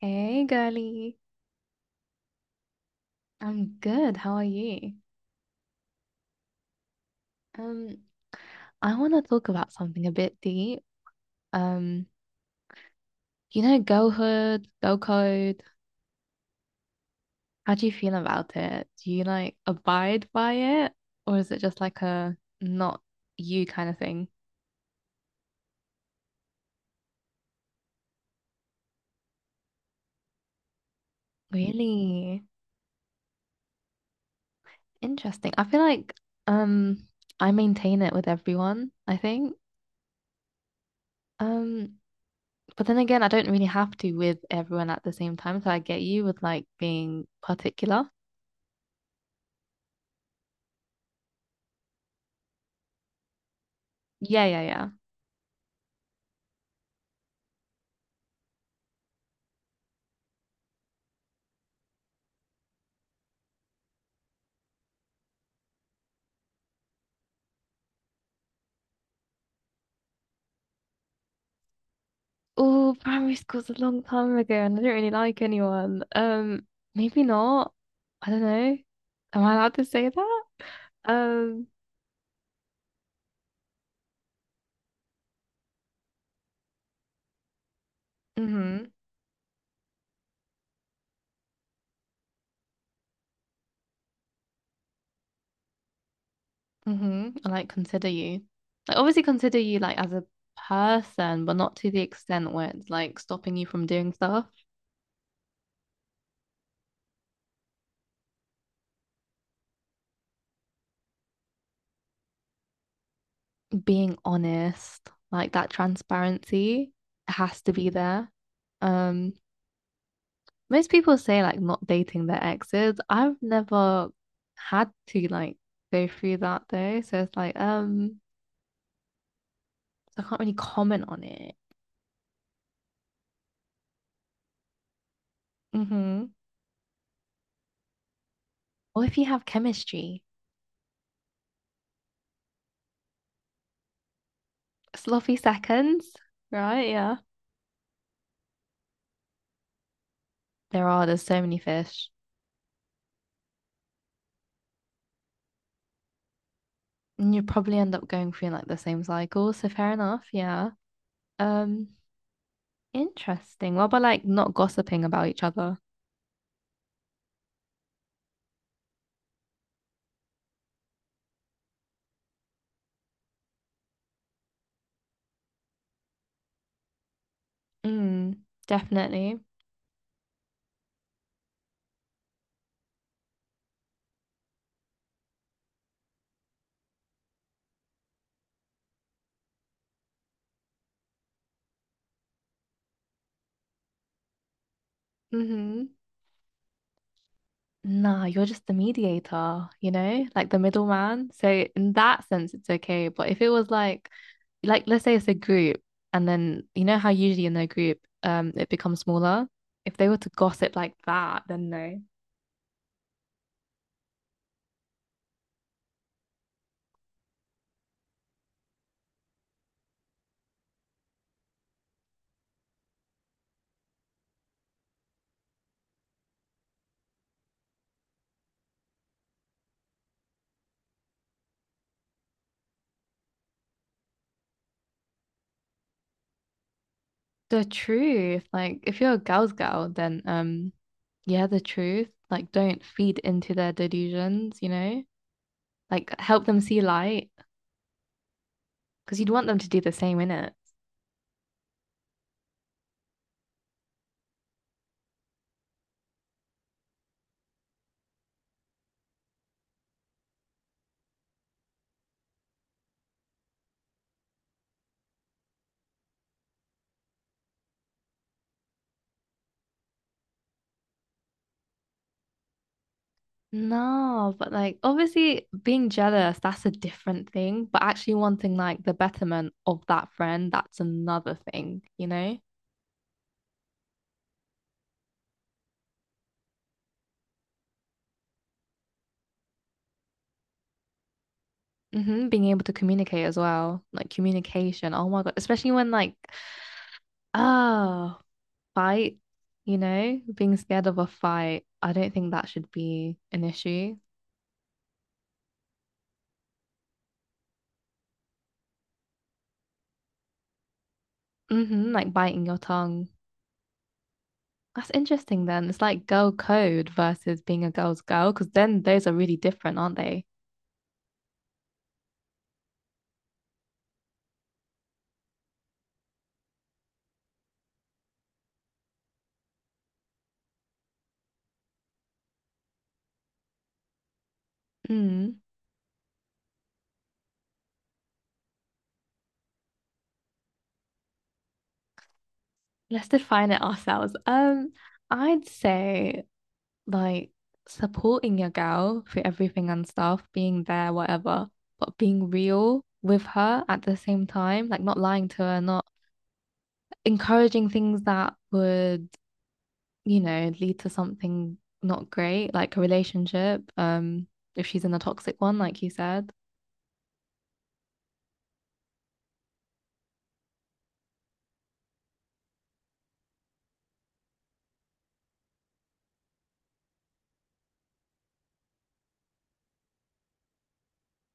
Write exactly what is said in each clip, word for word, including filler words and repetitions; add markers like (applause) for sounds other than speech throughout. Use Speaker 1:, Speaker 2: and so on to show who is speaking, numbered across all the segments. Speaker 1: Hey, girly. I'm good. How are you? Um, I want to talk about something a bit deep. Um, you know, girlhood, girl code. How do you feel about it? Do you like abide by it, or is it just like a not you kind of thing? Really interesting. I feel like um, I maintain it with everyone, I think. Um, but then again, I don't really have to with everyone at the same time. So I get you with like being particular. Yeah, yeah, yeah. Oh, primary school's a long time ago and I don't really like anyone. Um, maybe not. I don't know. Am I allowed to say that? Um, mm-hmm. Mm-hmm, I like consider you. Like obviously consider you like as a person, but not to the extent where it's like stopping you from doing stuff. Being honest, like that transparency has to be there. Um, Most people say like not dating their exes. I've never had to like go through that though. So it's like, um, so I can't really comment on it. Mm-hmm. Or if you have chemistry, sloppy seconds, right? Yeah. There are, there's so many fish. And you probably end up going through like the same cycle. So fair enough. Yeah. Um, Interesting. What about like not gossiping about each other? Mm, definitely. Mm-hmm. Nah, you're just the mediator, you know, like the middleman. So in that sense, it's okay. But if it was like, like let's say it's a group, and then you know how usually in their group, um, it becomes smaller. If they were to gossip like that, then no. The truth, like if you're a girl's girl, then um, yeah, the truth. Like don't feed into their delusions, you know. Like help them see light, because you'd want them to do the same in it. No, but like obviously being jealous, that's a different thing. But actually wanting like the betterment of that friend, that's another thing, you know? Hmm. Being able to communicate as well. Like communication. Oh my God. Especially when like, oh, fight, you know, being scared of a fight. I don't think that should be an issue. Hmm. Like biting your tongue. That's interesting then. It's like girl code versus being a girl's girl, because then those are really different, aren't they? Mm. Let's define it ourselves. Um, I'd say like supporting your girl through everything and stuff, being there, whatever, but being real with her at the same time, like not lying to her, not encouraging things that would, you know, lead to something not great, like a relationship, um, if she's in a toxic one, like you said.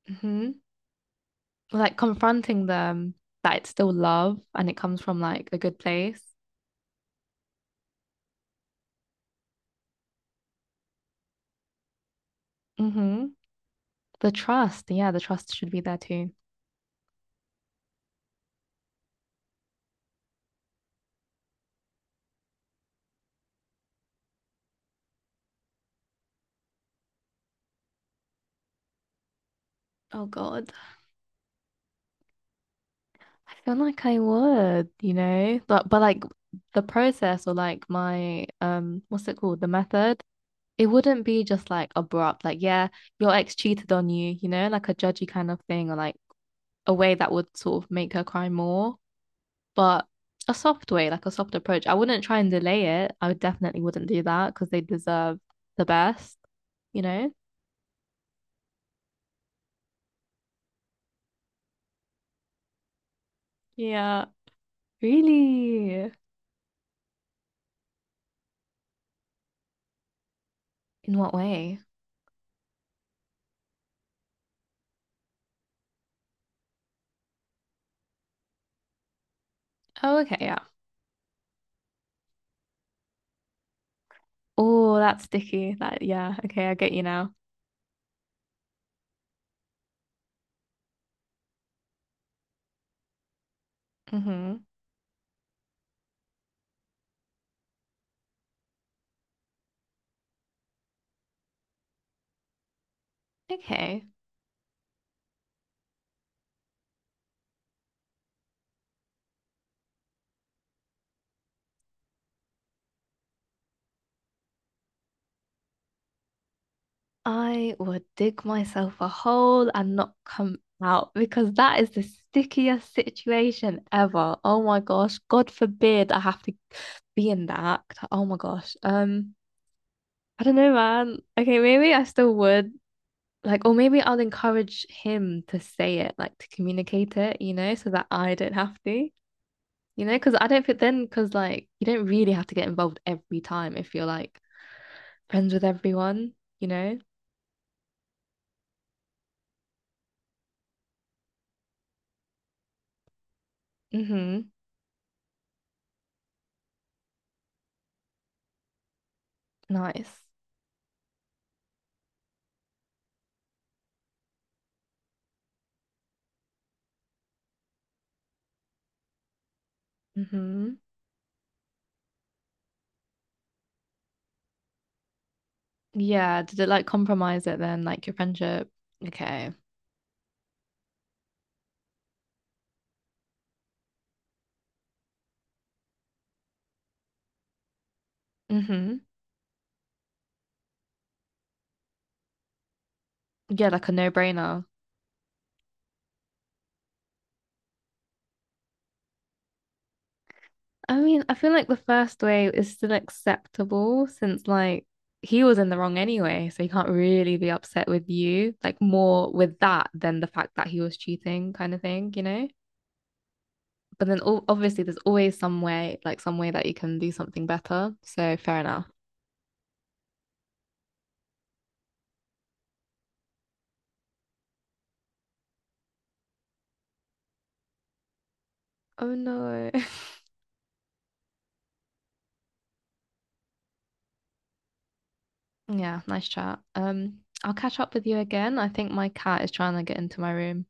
Speaker 1: Hmm. Like confronting them that it's still love and it comes from like a good place. Hmm. The trust, yeah, the trust should be there too. Oh God, I feel like I would, you know, but but like the process or like my um, what's it called? The method. It wouldn't be just like abrupt, like yeah, your ex cheated on you, you know, like a judgy kind of thing, or like a way that would sort of make her cry more. But a soft way, like a soft approach. I wouldn't try and delay it. I definitely wouldn't do that because they deserve the best, you know? Yeah, really. In what way? Oh, okay, yeah. Oh, that's sticky. That, yeah, okay, I get you now. Mm-hmm. Okay. I would dig myself a hole and not come out because that is the stickiest situation ever. Oh my gosh. God forbid I have to be in that. Oh my gosh. Um, I don't know, man. Okay, maybe I still would like, or maybe I'll encourage him to say it, like to communicate it, you know, so that I don't have to, you know, because I don't fit then, because like you don't really have to get involved every time if you're like friends with everyone, you know. Mm-hmm. Nice. Mm-hmm. Yeah. Did it like compromise it then, like your friendship? Okay. Mm-hmm. Yeah, like a no-brainer. I mean, I feel like the first wave is still acceptable since like he was in the wrong anyway, so you can't really be upset with you, like more with that than the fact that he was cheating kind of thing, you know? But then o- obviously there's always some way, like some way that you can do something better. So fair enough. Oh no. (laughs) Yeah, nice chat. Um, I'll catch up with you again. I think my cat is trying to get into my room.